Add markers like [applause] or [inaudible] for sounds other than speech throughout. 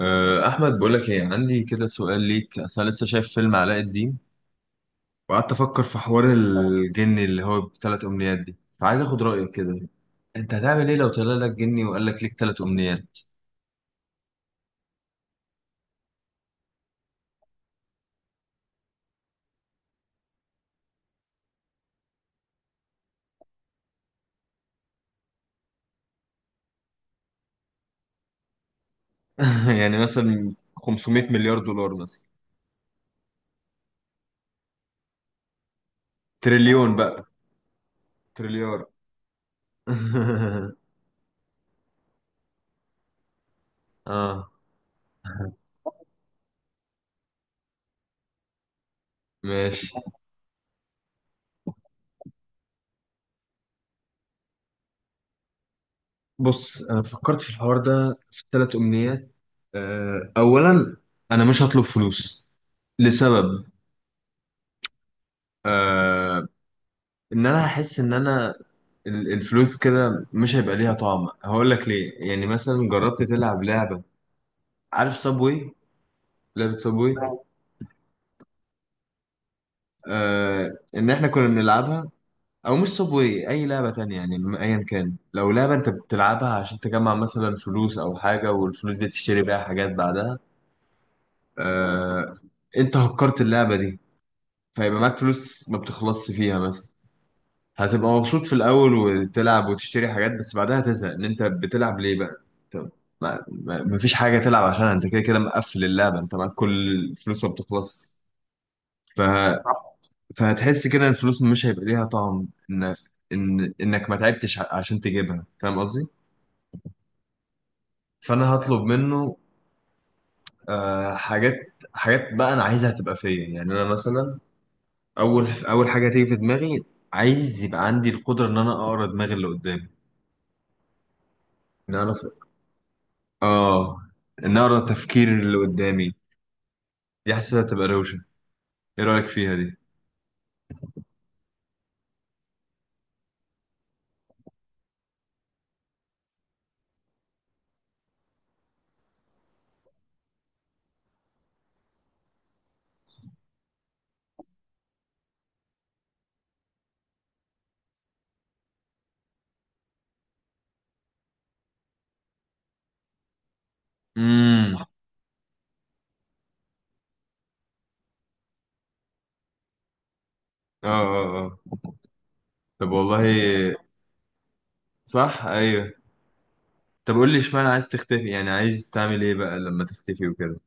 أحمد، بقول لك إيه، عندي كده سؤال ليك. أصل أنا لسه شايف فيلم علاء الدين وقعدت أفكر في حوار الجن اللي هو بثلاث أمنيات دي، فعايز آخد رأيك كده. أنت هتعمل إيه لو طلع لك جني وقال لك ليك ثلاث أمنيات؟ [laughs] يعني مثلا 500 مليار دولار مثلا. تريليون بقى. تريليار. [laughs] آه. ماشي. بص، أنا فكرت في الحوار ده في ثلاث أمنيات. أولا، أنا مش هطلب فلوس لسبب. آه، ان انا هحس ان انا الفلوس كده مش هيبقى ليها طعم. هقول لك ليه. يعني مثلا جربت تلعب لعبة؟ عارف صابوي؟ لعبة صابوي. آه. ان احنا كنا بنلعبها، او مش صابوي، اي لعبة تانية يعني، ايا كان لو لعبة انت بتلعبها عشان تجمع مثلا فلوس او حاجة، والفلوس دي تشتري بيها حاجات بعدها. آه انت هكرت اللعبة دي، فيبقى معاك فلوس ما بتخلصش فيها مثلا. هتبقى مبسوط في الاول وتلعب وتشتري حاجات، بس بعدها تزهق ان انت بتلعب ليه بقى. طب، مفيش حاجه تلعب عشانها، انت كده كده مقفل اللعبه، انت معاك كل الفلوس ما بتخلص. ف... فهتحس كده ان الفلوس مش هيبقى ليها طعم، ان ان انك ما تعبتش عشان تجيبها. فاهم قصدي؟ فانا هطلب منه حاجات. حاجات بقى انا عايزها تبقى فيا. يعني انا مثلا، اول حاجه تيجي في دماغي، عايز يبقى عندي القدره ان انا اقرا دماغ اللي قدامي. ان انا اه ان اقرا تفكير اللي قدامي. دي حاسسها تبقى روشه. ايه رايك فيها دي؟ امم. اه اه اه. طب والله. صح، ايوه. طب قول لي، اشمعنى عايز تختفي؟ يعني عايز تعمل ايه بقى لما تختفي وكده؟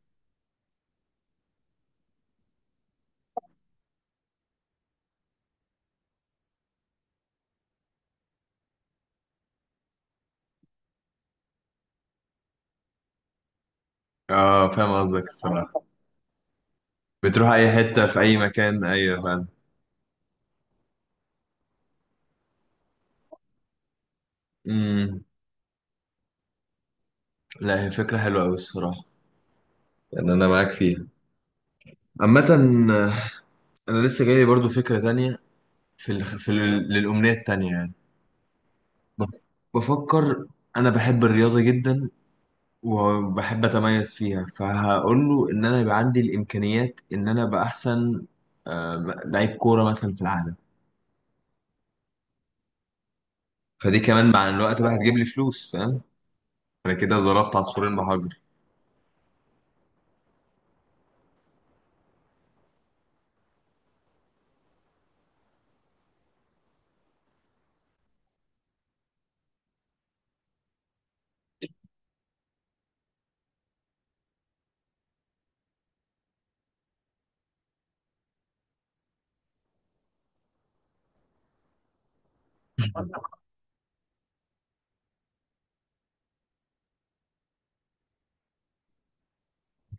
اه فاهم قصدك الصراحه. بتروح اي حته في اي مكان، ايوه فاهم. امم. لا، هي فكره حلوه قوي الصراحه، يعني انا معاك فيها. عامه، انا لسه جاي برضو فكره تانية في ال... في ال... للامنيه التانية يعني. بف- بفكر، انا بحب الرياضه جدا وبحب اتميز فيها، فهقول له ان انا يبقى عندي الامكانيات ان انا ابقى احسن آه، لعيب كوره مثلا في العالم. فدي كمان مع الوقت بقى هتجيب لي فلوس. فاهم؟ انا كده ضربت عصفورين بحجر.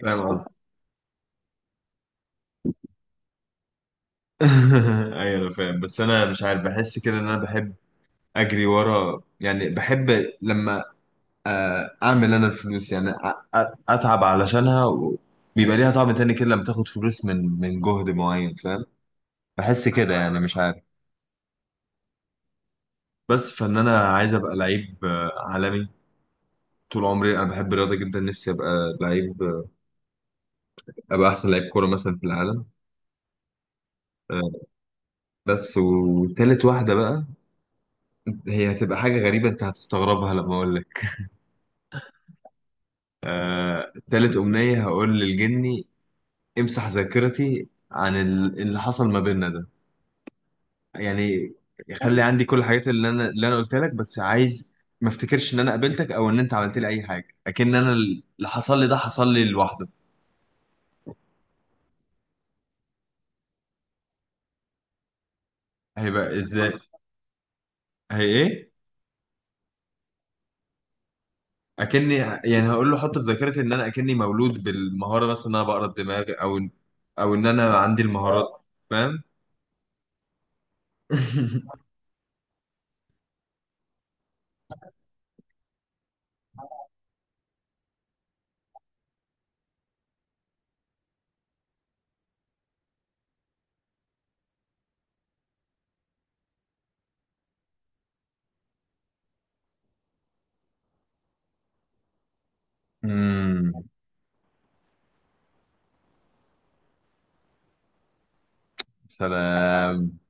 فاهم قصدي. [laughs] ايوه انا فاهم، بس انا مش عارف، بحس كده ان انا بحب اجري ورا يعني، بحب لما اعمل انا الفلوس يعني، اتعب علشانها بيبقى ليها طعم تاني كده لما تاخد فلوس من جهد معين. فاهم؟ بحس كده يعني، مش عارف. بس فان انا عايز ابقى لعيب عالمي. طول عمري انا بحب الرياضه جدا، نفسي ابقى لعيب ابقى احسن لعيب كوره مثلا في العالم. آه، بس، وتالت واحده بقى، هي هتبقى حاجه غريبه انت هتستغربها لما اقول لك. تالت امنيه هقول للجني، امسح ذاكرتي عن اللي حصل ما بيننا ده. يعني، خلي عندي كل الحاجات اللي انا قلتها لك، بس عايز ما افتكرش ان انا قابلتك او ان انت عملت لي اي حاجه، اكن انا اللي حصل لي ده حصل لي لوحده. هيبقى ازاي؟ هي ايه؟ اكني يعني، هقول له حط في ذاكرتي ان انا اكني مولود بالمهاره مثلا، ان انا بقرا الدماغ، او ان انا عندي المهارات. فاهم؟ [laughs] امم. سلام.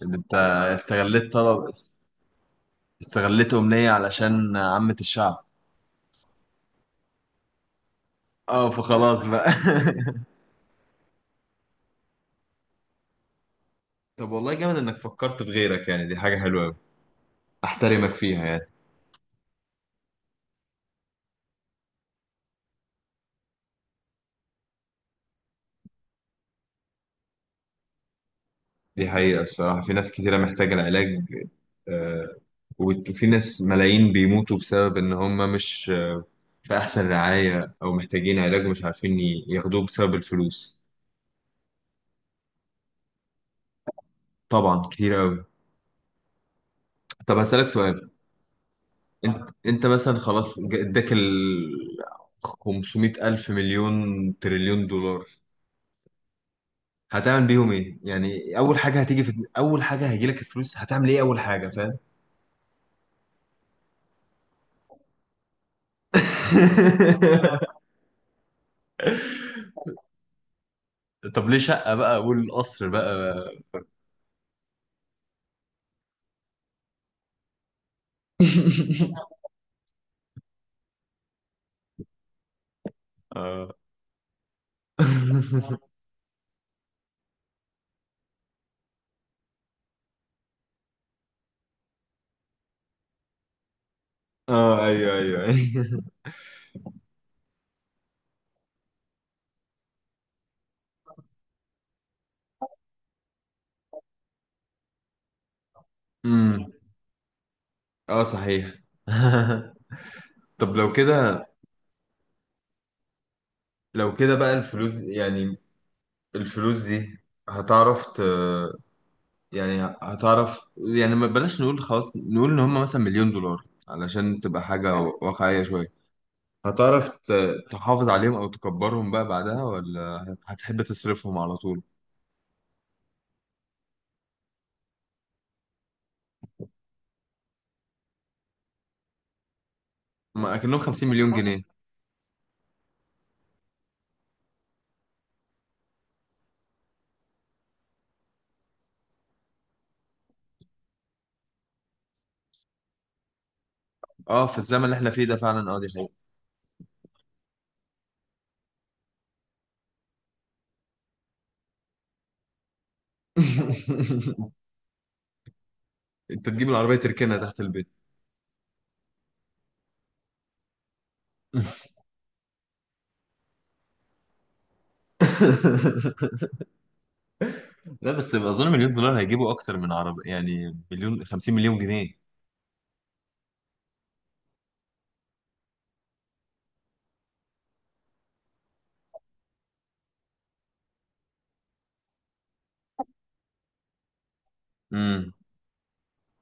ده انت استغلت طلب، استغلت امنية علشان عامة الشعب. اه، فخلاص بقى. [laughs] طب والله، جامد انك فكرت في غيرك يعني. دي حاجه حلوه قوي، احترمك فيها يعني. دي حقيقه الصراحه. في ناس كتيره محتاجه العلاج. آه، وفي ناس ملايين بيموتوا بسبب ان هم مش في أحسن رعاية، أو محتاجين علاج مش عارفين ياخدوه بسبب الفلوس. طبعا، كتير أوي. طب هسألك سؤال. أنت مثلا خلاص إداك ال 500 ألف مليون تريليون دولار، هتعمل بيهم إيه؟ يعني أول حاجة هيجيلك الفلوس هتعمل إيه أول حاجة؟ فاهم؟ [laughs] طب ليه شقة بقى والقصر بقى؟ [laughs] اه. [laughs] اه، ايوه ايوه ايوه. [laughs] امم. اه صحيح. [laughs] طب لو كده، بقى الفلوس يعني، الفلوس دي هتعرف يعني هتعرف يعني. ما بلاش نقول، خلاص نقول ان هم مثلا مليون دولار، علشان تبقى حاجة واقعية شوية. هتعرف تحافظ عليهم او تكبرهم بقى بعدها، ولا هتحب تصرفهم على طول؟ ما اكنهم 50 مليون، بص، جنيه. اه، في الزمن اللي احنا فيه ده فعلا، اه دي حقيقة. [laughs] انت تجيب العربية تركنها تحت البيت. [laughs] لا، بس اظن مليون دولار هيجيبوا اكتر من عربية، يعني مليون، 50 مليون جنيه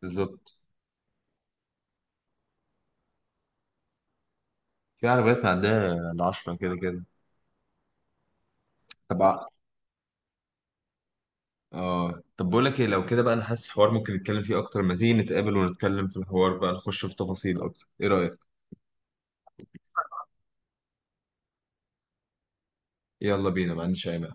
بالظبط. في عربيات معدية العشرة كده كده. طب طب بقول لك ايه، لو كده بقى انا حاسس الحوار ممكن نتكلم فيه اكتر. ما تيجي نتقابل ونتكلم في الحوار بقى، نخش في تفاصيل اكتر. ايه رأيك؟ يلا بينا، ما عنديش اي مانع.